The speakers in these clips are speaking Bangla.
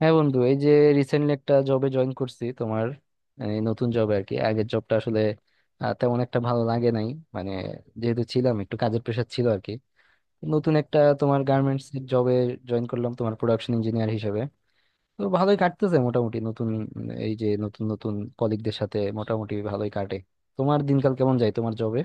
হ্যাঁ বন্ধু, এই যে রিসেন্টলি একটা জবে জয়েন করছি। তোমার এই নতুন জবে আর কি, আগের জবটা আসলে তেমন একটা ভালো লাগে নাই। মানে যেহেতু ছিলাম, একটু কাজের প্রেশার ছিল আর কি। নতুন একটা তোমার গার্মেন্টস এর জবে জয়েন করলাম তোমার প্রোডাকশন ইঞ্জিনিয়ার হিসেবে। তো ভালোই কাটতেছে মোটামুটি। নতুন এই যে নতুন নতুন কলিগদের সাথে মোটামুটি ভালোই কাটে। তোমার দিনকাল কেমন যায় তোমার জবে?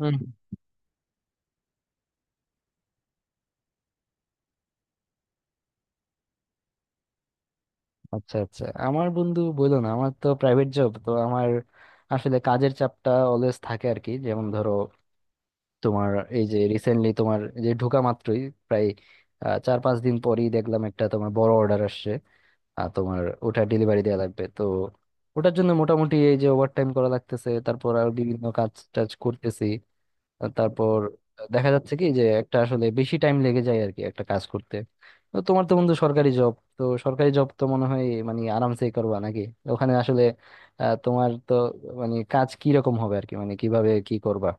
হুম। আচ্ছা আচ্ছা, আমার বন্ধু বললো না, আমার তো প্রাইভেট জব, তো আমার আসলে কাজের চাপটা অলওয়েজ থাকে আর কি। যেমন ধরো তোমার এই যে রিসেন্টলি, তোমার এই যে ঢোকা মাত্রই প্রায় 4-5 দিন পরেই দেখলাম একটা তোমার বড় অর্ডার আসছে। আর তোমার ওটা ডেলিভারি দেওয়া লাগবে, তো ওটার জন্য মোটামুটি এই যে ওভার টাইম করা লাগতেছে, তারপর আর বিভিন্ন কাজ টাজ করতেছি। আর তারপর দেখা যাচ্ছে কি যে একটা আসলে বেশি টাইম লেগে যায় আর কি, একটা কাজ করতে। তো তোমার তো বন্ধু সরকারি জব, তো সরকারি জব তো মনে হয় মানে আরামসেই করবা নাকি? ওখানে আসলে তোমার তো মানে কাজ কি রকম হবে আর কি, মানে কিভাবে কি করবা?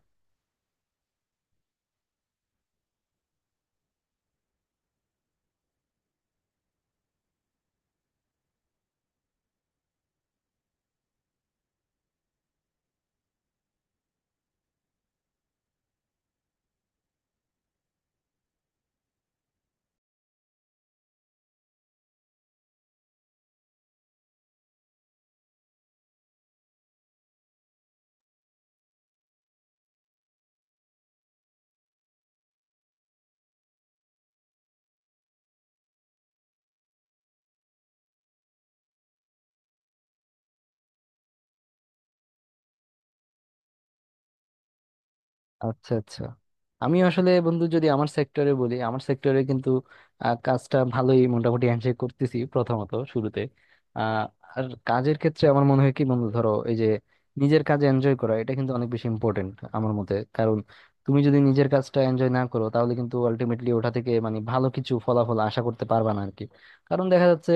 আচ্ছা আচ্ছা। আমি আসলে বন্ধু, যদি আমার সেক্টরে বলি, আমার সেক্টরে কিন্তু কাজটা ভালোই মোটামুটি হ্যান্ডশেক করতেছি প্রথমত শুরুতে। আহ, আর কাজের ক্ষেত্রে আমার মনে হয় কি বন্ধু, ধরো এই যে নিজের কাজে এনজয় করা, এটা কিন্তু অনেক বেশি ইম্পর্টেন্ট আমার মতে। কারণ তুমি যদি নিজের কাজটা এনজয় না করো, তাহলে কিন্তু আলটিমেটলি ওটা থেকে মানে ভালো কিছু ফলাফল আশা করতে পারবা না আর কি। কারণ দেখা যাচ্ছে,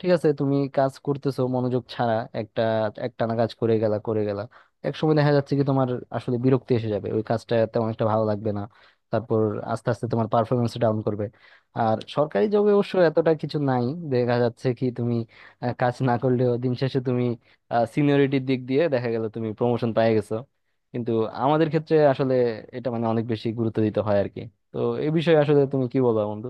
ঠিক আছে তুমি কাজ করতেছো মনোযোগ ছাড়া একটা, একটানা কাজ করে গেলা করে গেলা, এক সময় দেখা যাচ্ছে কি তোমার আসলে বিরক্তি এসে যাবে, ওই কাজটা তেমন একটা ভালো লাগবে না। তারপর আস্তে আস্তে তোমার পারফরমেন্স ডাউন করবে। আর সরকারি জবে অবশ্য এতটা কিছু নাই। দেখা যাচ্ছে কি তুমি কাজ না করলেও দিন শেষে তুমি সিনিয়রিটির দিক দিয়ে দেখা গেল তুমি প্রমোশন পেয়ে গেছো। কিন্তু আমাদের ক্ষেত্রে আসলে এটা মানে অনেক বেশি গুরুত্ব দিতে হয় আর কি। তো এই বিষয়ে আসলে তুমি কি বলো বন্ধু?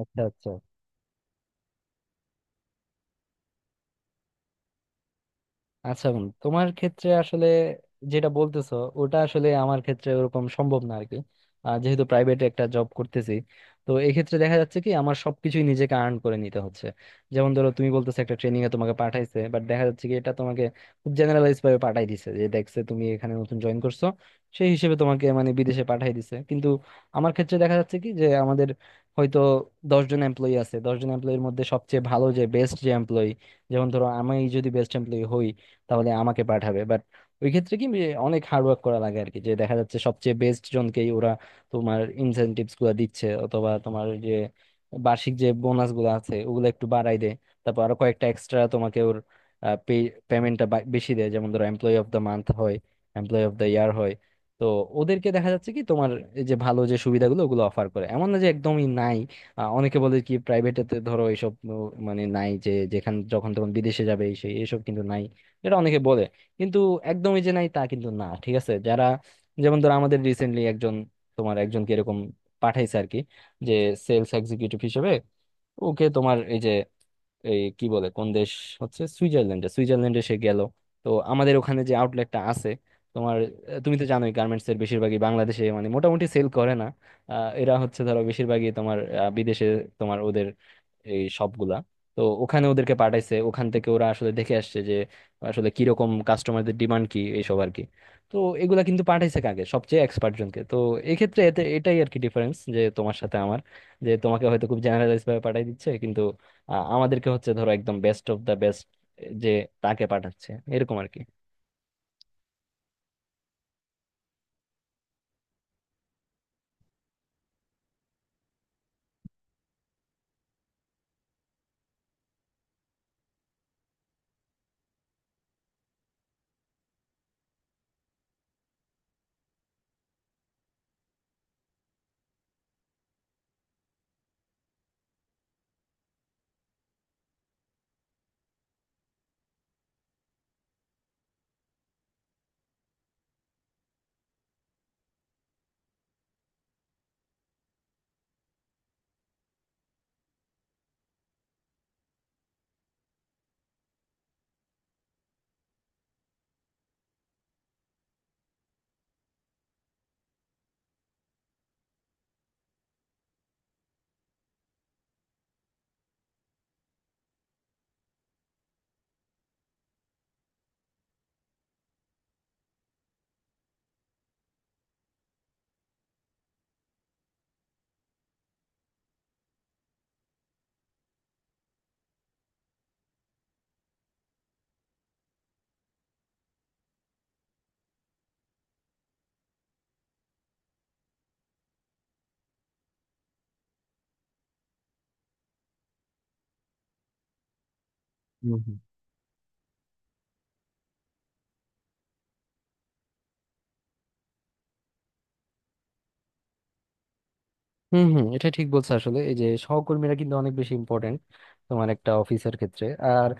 আচ্ছা আচ্ছা। আচ্ছা বোন, তোমার ক্ষেত্রে আসলে যেটা বলতেছো, ওটা আসলে আমার ক্ষেত্রে ওরকম সম্ভব না আরকি। যেহেতু প্রাইভেটে একটা জব করতেছি, তো এক্ষেত্রে দেখা যাচ্ছে কি আমার সবকিছুই নিজেকে আর্ন করে নিতে হচ্ছে। যেমন ধরো তুমি বলতেছো একটা ট্রেনিং এ তোমাকে পাঠাইছে, বাট দেখা যাচ্ছে কি এটা তোমাকে খুব জেনারেলাইজ ভাবে পাঠাই দিছে, যে দেখছে তুমি এখানে নতুন জয়েন করছো, সেই হিসেবে তোমাকে মানে বিদেশে পাঠাই দিছে। কিন্তু আমার ক্ষেত্রে দেখা যাচ্ছে কি যে আমাদের হয়তো 10জন এমপ্লয়ি আছে, 10জন এমপ্লয়ির মধ্যে সবচেয়ে ভালো যে বেস্ট যে এমপ্লয়ি, যেমন ধরো আমি যদি বেস্ট এমপ্লয়ি হই, তাহলে আমাকে পাঠাবে। বাট ওই ক্ষেত্রে কি অনেক হার্ড ওয়ার্ক করা লাগে আর কি, যে দেখা যাচ্ছে সবচেয়ে বেস্ট জনকেই ওরা তোমার ইনসেনটিভস গুলো দিচ্ছে, অথবা তোমার ওই যে বার্ষিক যে বোনাস গুলো আছে ওগুলো একটু বাড়াই দেয়। তারপর আরো কয়েকটা এক্সট্রা তোমাকে ওর পেমেন্টটা বেশি দেয়। যেমন ধরো এমপ্লয়ি অফ দ্য মান্থ হয়, এমপ্লয়ি অফ দ্য ইয়ার হয়। তো ওদেরকে দেখা যাচ্ছে কি তোমার এই যে ভালো যে সুবিধাগুলো ওগুলো অফার করে, এমন না যে একদমই নাই। অনেকে বলে কি প্রাইভেটেতে ধরো এইসব মানে নাই, যে যেখানে যখন তখন বিদেশে যাবে এই সেই এসব কিন্তু নাই, এটা অনেকে বলে। কিন্তু একদমই যে নাই তা কিন্তু না। ঠিক আছে, যারা যেমন ধরো আমাদের রিসেন্টলি একজন তোমার একজনকে এরকম পাঠাইছে আর কি, যে সেলস এক্সিকিউটিভ হিসেবে। ওকে তোমার এই যে এই কি বলে কোন দেশ হচ্ছে সুইজারল্যান্ডে, সুইজারল্যান্ডে সে গেল। তো আমাদের ওখানে যে আউটলেটটা আছে তোমার, তুমি তো জানোই গার্মেন্টস এর বেশিরভাগই বাংলাদেশে মানে মোটামুটি সেল করে না। এরা হচ্ছে ধরো বেশিরভাগই তোমার বিদেশে তোমার ওদের এই সবগুলা। তো ওখানে ওদেরকে পাঠাইছে, ওখান থেকে ওরা আসলে দেখে আসছে যে আসলে কিরকম কাস্টমারদের ডিমান্ড কি এইসব আর কি। তো এগুলা কিন্তু পাঠাইছে কাকে, সবচেয়ে এক্সপার্ট জনকে। তো এক্ষেত্রে এতে এটাই আর কি ডিফারেন্স যে তোমার সাথে আমার, যে তোমাকে হয়তো খুব জেনারেলাইজ ভাবে পাঠিয়ে দিচ্ছে, কিন্তু আমাদেরকে হচ্ছে ধরো একদম বেস্ট অফ দা বেস্ট যে, তাকে পাঠাচ্ছে এরকম আর কি। হম হম, এটা ঠিক বলছো আসলে। এই যে সহকর্মীরা কিন্তু অনেক বেশি ইম্পর্টেন্ট তোমার একটা অফিসের ক্ষেত্রে। আর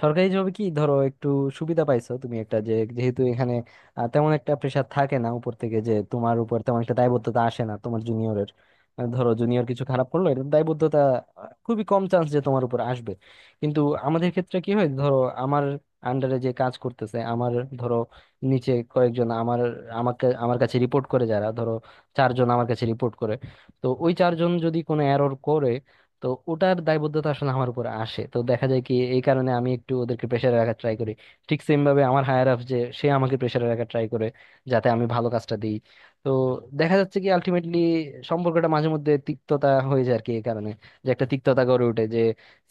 সরকারি জবে কি ধরো একটু সুবিধা পাইছো তুমি একটা, যে যেহেতু এখানে তেমন একটা প্রেশার থাকে না উপর থেকে, যে তোমার উপর তেমন একটা দায়বদ্ধতা আসে না তোমার জুনিয়রের। ধরো জুনিয়র কিছু খারাপ করলো, এটা দায়বদ্ধতা খুবই কম চান্স যে তোমার উপর আসবে। কিন্তু আমাদের ক্ষেত্রে কি হয়, ধরো আমার আন্ডারে যে কাজ করতেছে আমার, ধরো নিচে কয়েকজন আমার আমার কাছে রিপোর্ট করে, যারা ধরো 4জন আমার কাছে রিপোর্ট করে। তো ওই 4জন যদি কোনো এরর করে, তো ওটার দায়বদ্ধতা আসলে আমার উপর আসে। তো দেখা যায় কি এই কারণে আমি একটু ওদেরকে প্রেশারে রাখার ট্রাই করি। ঠিক সেম ভাবে আমার হায়ার আপ যে, সে আমাকে প্রেশারে রাখার ট্রাই করে, যাতে আমি ভালো কাজটা দিই। তো দেখা যাচ্ছে কি আলটিমেটলি সম্পর্কটা মাঝে মধ্যে তিক্ততা হয়ে যায় আর কি এই কারণে। যে একটা তিক্ততা গড়ে ওঠে, যে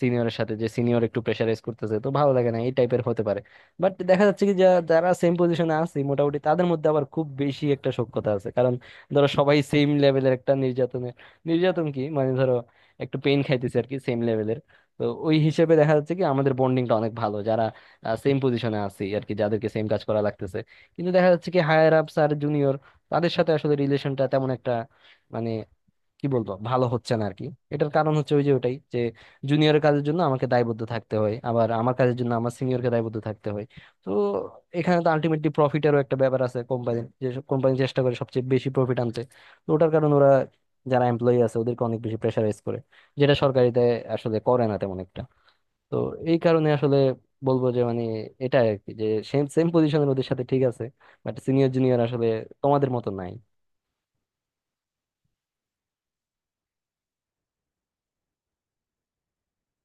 সিনিয়রের সাথে, যে সিনিয়র একটু প্রেশারাইজ করতেছে, তো ভালো লাগে না এই টাইপের হতে পারে। বাট দেখা যাচ্ছে কি যারা সেম পজিশনে আছে মোটামুটি তাদের মধ্যে আবার খুব বেশি একটা সখ্যতা আছে। কারণ ধরো সবাই সেম লেভেলের একটা নির্যাতনে, নির্যাতন কি মানে, ধরো একটু পেন খাইতেছে আর কি সেম লেভেলের। তো ওই হিসেবে দেখা যাচ্ছে কি আমাদের বন্ডিংটা অনেক ভালো, যারা সেম পজিশনে আছি আর কি, যাদেরকে সেম কাজ করা লাগতেছে। কিন্তু দেখা যাচ্ছে কি হায়ার আপস আর জুনিয়র, তাদের সাথে আসলে রিলেশনটা তেমন একটা মানে কি বলবো, ভালো হচ্ছে না আর কি। এটার কারণ হচ্ছে ওই যে ওটাই, যে জুনিয়রের কাজের জন্য আমাকে দায়বদ্ধ থাকতে হয়, আবার আমার কাজের জন্য আমার সিনিয়রকে দায়বদ্ধ থাকতে হয়। তো এখানে তো আলটিমেটলি প্রফিটেরও একটা ব্যাপার আছে, কোম্পানি যেসব কোম্পানি চেষ্টা করে সবচেয়ে বেশি প্রফিট আনতে, তো ওটার কারণে ওরা যারা এমপ্লয়ি আছে ওদেরকে অনেক বেশি প্রেশারাইজ করে, যেটা সরকারিতে আসলে করে না তেমন একটা। তো এই কারণে আসলে বলবো যে, মানে এটা আর কি, যে সেম সেম পজিশনের ওদের সাথে ঠিক আছে, বাট সিনিয়র জুনিয়র আসলে তোমাদের মতো নাই।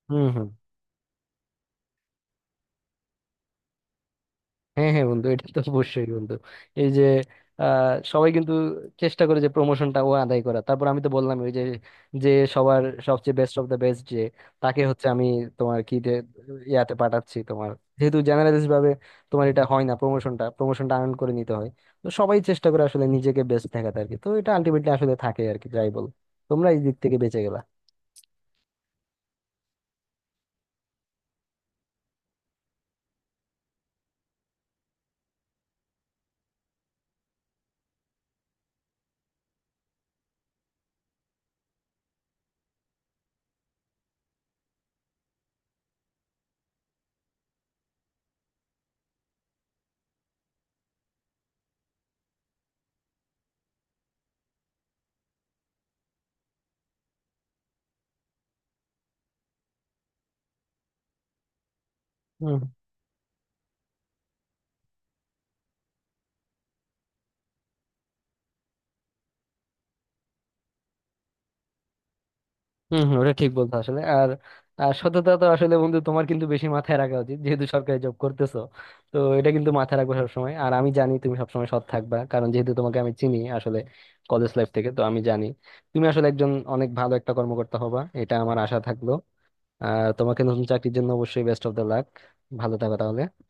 হম। হ্যাঁ হ্যাঁ বন্ধু, এটা তো অবশ্যই বন্ধু। এই যে সবাই কিন্তু চেষ্টা করে যে প্রমোশনটা ও আদায় করা। তারপর আমি তো বললাম ওই যে, যে সবার সবচেয়ে বেস্ট অফ দ্য বেস্ট যে, তাকে হচ্ছে আমি তোমার কি যে ইয়াতে পাঠাচ্ছি তোমার, যেহেতু জেনারেলিস্ট ভাবে তোমার এটা হয় না, প্রমোশনটা প্রমোশনটা আর্ন করে নিতে হয়। তো সবাই চেষ্টা করে আসলে নিজেকে বেস্ট দেখাতে আর কি। তো এটা আলটিমেটলি আসলে থাকে আর কি, যাই বল তোমরা এই দিক থেকে বেঁচে গেলা। হম হম, ওটা ঠিক বলছো আসলে। আর আর সততা তো আসলে বন্ধু তোমার কিন্তু বেশি মাথায় রাখা উচিত, যেহেতু সরকারি জব করতেছো। তো এটা কিন্তু মাথায় রাখবে সবসময়। আর আমি জানি তুমি সবসময় সৎ থাকবা, কারণ যেহেতু তোমাকে আমি চিনি আসলে কলেজ লাইফ থেকে। তো আমি জানি তুমি আসলে একজন অনেক ভালো একটা কর্মকর্তা হবা, এটা আমার আশা থাকলো। আর তোমাকে নতুন চাকরির জন্য অবশ্যই বেস্ট অফ দ্য লাক। ভালো থাকো তাহলে।